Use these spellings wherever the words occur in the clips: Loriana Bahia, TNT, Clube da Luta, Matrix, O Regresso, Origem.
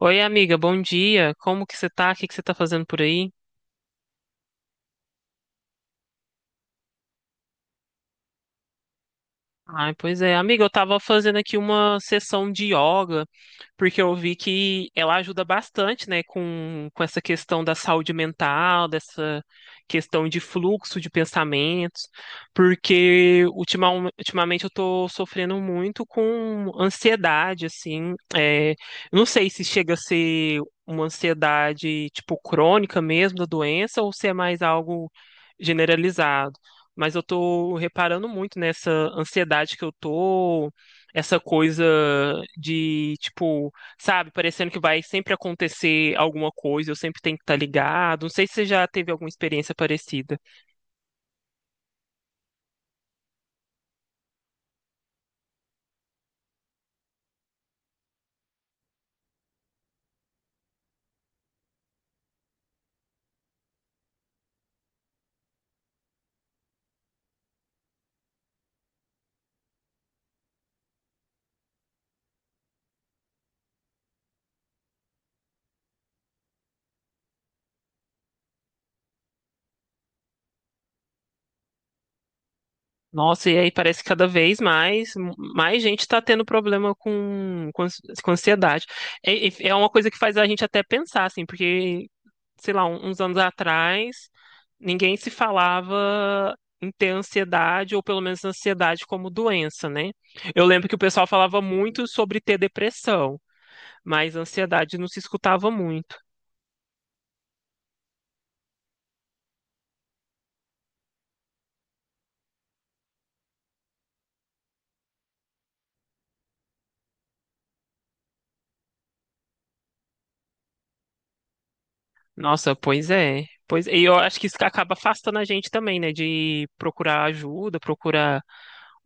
Oi, amiga, bom dia. Como que você tá? O que que você tá fazendo por aí? Ai, pois é, amiga, eu tava fazendo aqui uma sessão de yoga, porque eu vi que ela ajuda bastante, né, com essa questão da saúde mental, dessa questão de fluxo de pensamentos, porque ultima, ultimamente eu tô sofrendo muito com ansiedade, assim, eu não sei se chega a ser uma ansiedade, tipo, crônica mesmo da doença, ou se é mais algo generalizado, mas eu tô reparando muito nessa ansiedade que eu tô, essa coisa de, tipo, sabe, parecendo que vai sempre acontecer alguma coisa, eu sempre tenho que estar ligado. Não sei se você já teve alguma experiência parecida. Nossa, e aí parece que cada vez mais, mais gente está tendo problema com ansiedade. É, é uma coisa que faz a gente até pensar, assim, porque, sei lá, uns anos atrás, ninguém se falava em ter ansiedade, ou pelo menos ansiedade como doença, né? Eu lembro que o pessoal falava muito sobre ter depressão, mas ansiedade não se escutava muito. Nossa, pois é. Pois, e eu acho que isso acaba afastando a gente também, né? De procurar ajuda, procurar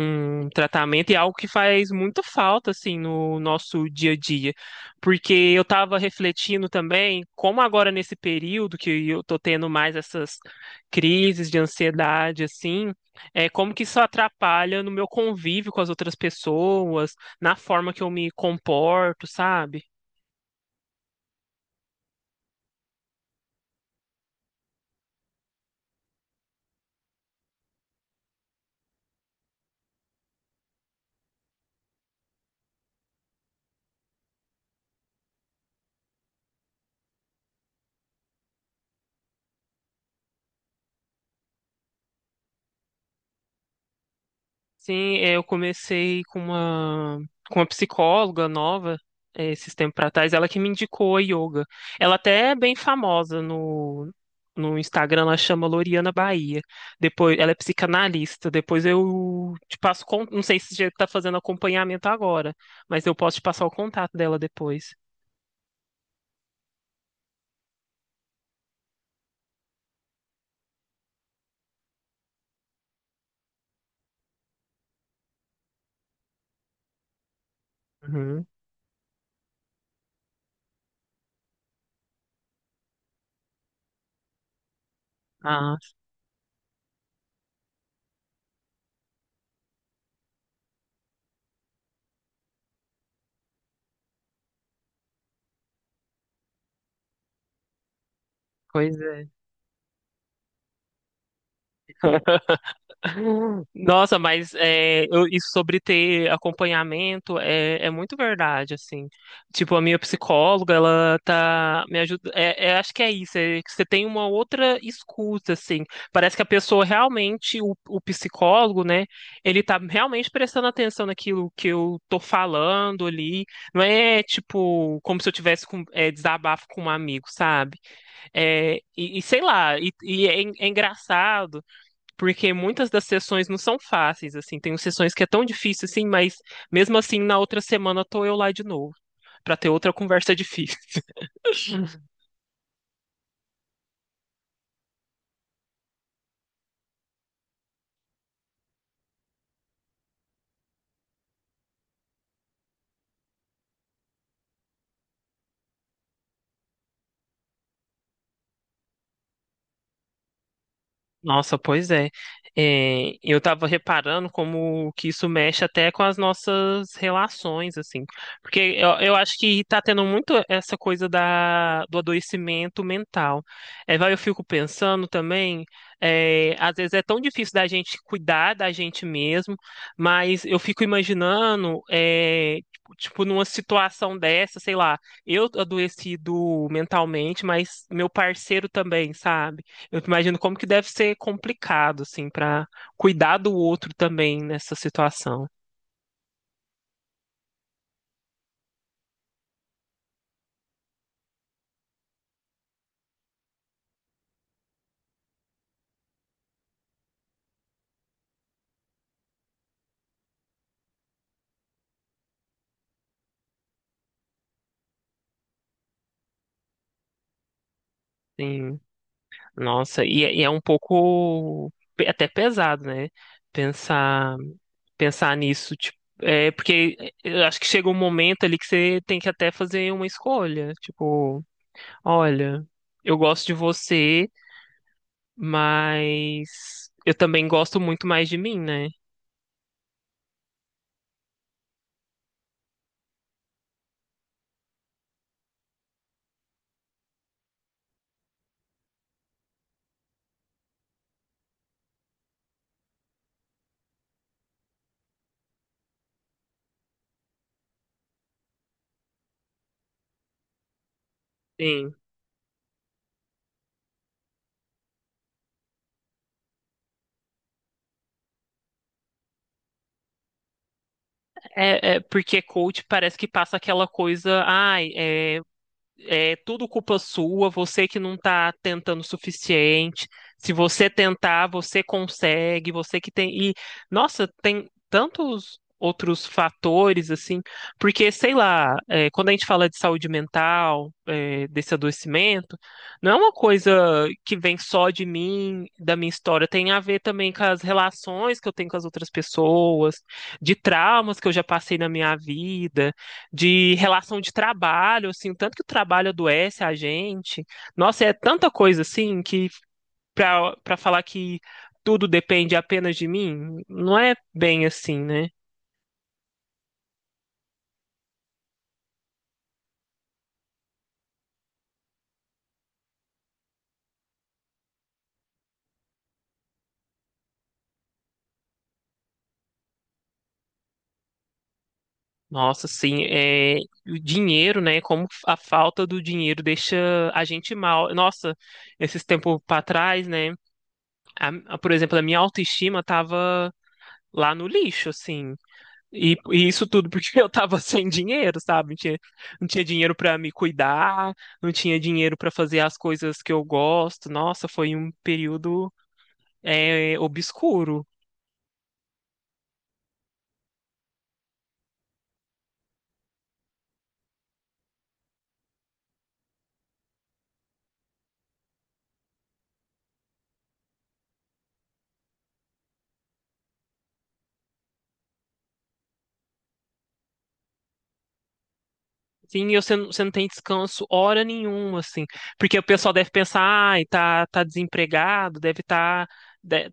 um tratamento, e é algo que faz muita falta assim no nosso dia a dia, porque eu estava refletindo também como agora nesse período que eu tô tendo mais essas crises de ansiedade assim, é como que isso atrapalha no meu convívio com as outras pessoas, na forma que eu me comporto, sabe? Sim, eu comecei com uma psicóloga nova, é, esses tempos para trás, ela que me indicou a yoga. Ela até é bem famosa no Instagram, ela chama Loriana Bahia. Depois, ela é psicanalista. Depois eu te passo, não sei se você está fazendo acompanhamento agora, mas eu posso te passar o contato dela depois. Uhum. Ah, pois é. Nossa, mas é, isso sobre ter acompanhamento é muito verdade, assim. Tipo, a minha psicóloga, ela tá me ajudando. Acho que é isso, é que você tem uma outra escuta, assim. Parece que a pessoa realmente, o psicólogo, né, ele tá realmente prestando atenção naquilo que eu tô falando ali. Não é, tipo, como se eu tivesse com, é, desabafo com um amigo, sabe? E sei lá, é engraçado, porque muitas das sessões não são fáceis, assim, tem sessões que é tão difícil assim, mas mesmo assim na outra semana tô eu lá de novo, para ter outra conversa difícil. Nossa, pois é. É, eu tava reparando como que isso mexe até com as nossas relações, assim. Porque eu acho que tá tendo muito essa coisa do adoecimento mental. É, vai, eu fico pensando também, é, às vezes é tão difícil da gente cuidar da gente mesmo, mas eu fico imaginando, é, tipo, numa situação dessa, sei lá, eu adoecido mentalmente, mas meu parceiro também, sabe? Eu imagino como que deve ser complicado, assim, para cuidar do outro também nessa situação. Sim, nossa, e é um pouco até pesado, né? Pensar, Pensar nisso, tipo, é porque é, eu acho que chega um momento ali que você tem que até fazer uma escolha, tipo, olha, eu gosto de você, mas eu também gosto muito mais de mim, né? Sim. Porque coach parece que passa aquela coisa, ai, é tudo culpa sua, você que não está tentando o suficiente. Se você tentar, você consegue, você que tem. E, nossa, tem tantos outros fatores, assim, porque, sei lá, é, quando a gente fala de saúde mental, é, desse adoecimento, não é uma coisa que vem só de mim, da minha história, tem a ver também com as relações que eu tenho com as outras pessoas, de traumas que eu já passei na minha vida, de relação de trabalho, assim, o tanto que o trabalho adoece a gente. Nossa, é tanta coisa assim que para falar que tudo depende apenas de mim, não é bem assim, né? Nossa, sim, é, o dinheiro, né? Como a falta do dinheiro deixa a gente mal. Nossa, esses tempos para trás, né? Por exemplo, a minha autoestima tava lá no lixo, assim. E isso tudo porque eu tava sem dinheiro, sabe? Não tinha dinheiro pra me cuidar, não tinha dinheiro pra fazer as coisas que eu gosto. Nossa, foi um período, é, obscuro. Sim, e você não tem descanso hora nenhuma, assim. Porque o pessoal deve pensar, ai, tá desempregado,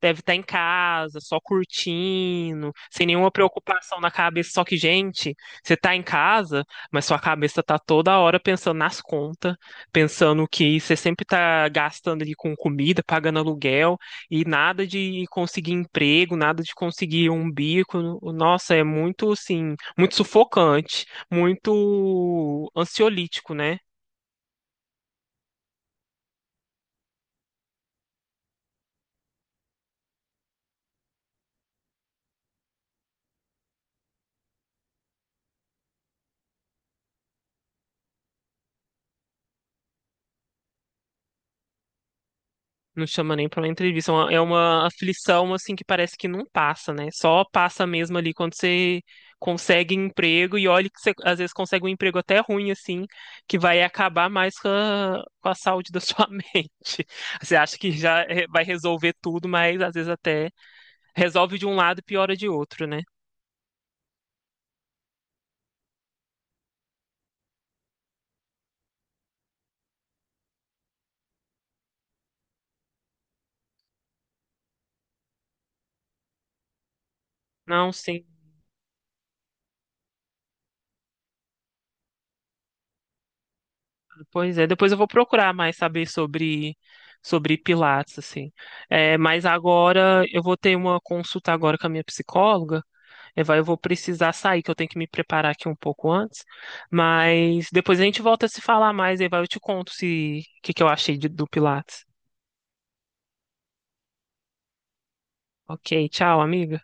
deve tá em casa, só curtindo, sem nenhuma preocupação na cabeça. Só que, gente, você tá em casa, mas sua cabeça tá toda hora pensando nas contas, pensando que você sempre tá gastando ali com comida, pagando aluguel, e nada de conseguir emprego, nada de conseguir um bico. Nossa, é muito, assim, muito sufocante, muito ansiolítico, né? Não chama nem pra uma entrevista. É uma aflição, assim, que parece que não passa, né? Só passa mesmo ali quando você consegue emprego, e olha que você, às vezes, consegue um emprego até ruim, assim, que vai acabar mais com a saúde da sua mente. Você acha que vai resolver tudo, mas às vezes até resolve de um lado e piora de outro, né? Não, sim. Pois é, depois eu vou procurar mais saber sobre Pilates, assim. É, mas agora eu vou ter uma consulta agora com a minha psicóloga. Eu vou precisar sair, que eu tenho que me preparar aqui um pouco antes. Mas depois a gente volta a se falar mais, aí vai, eu te conto se o que, que eu achei do Pilates. Ok, tchau, amiga.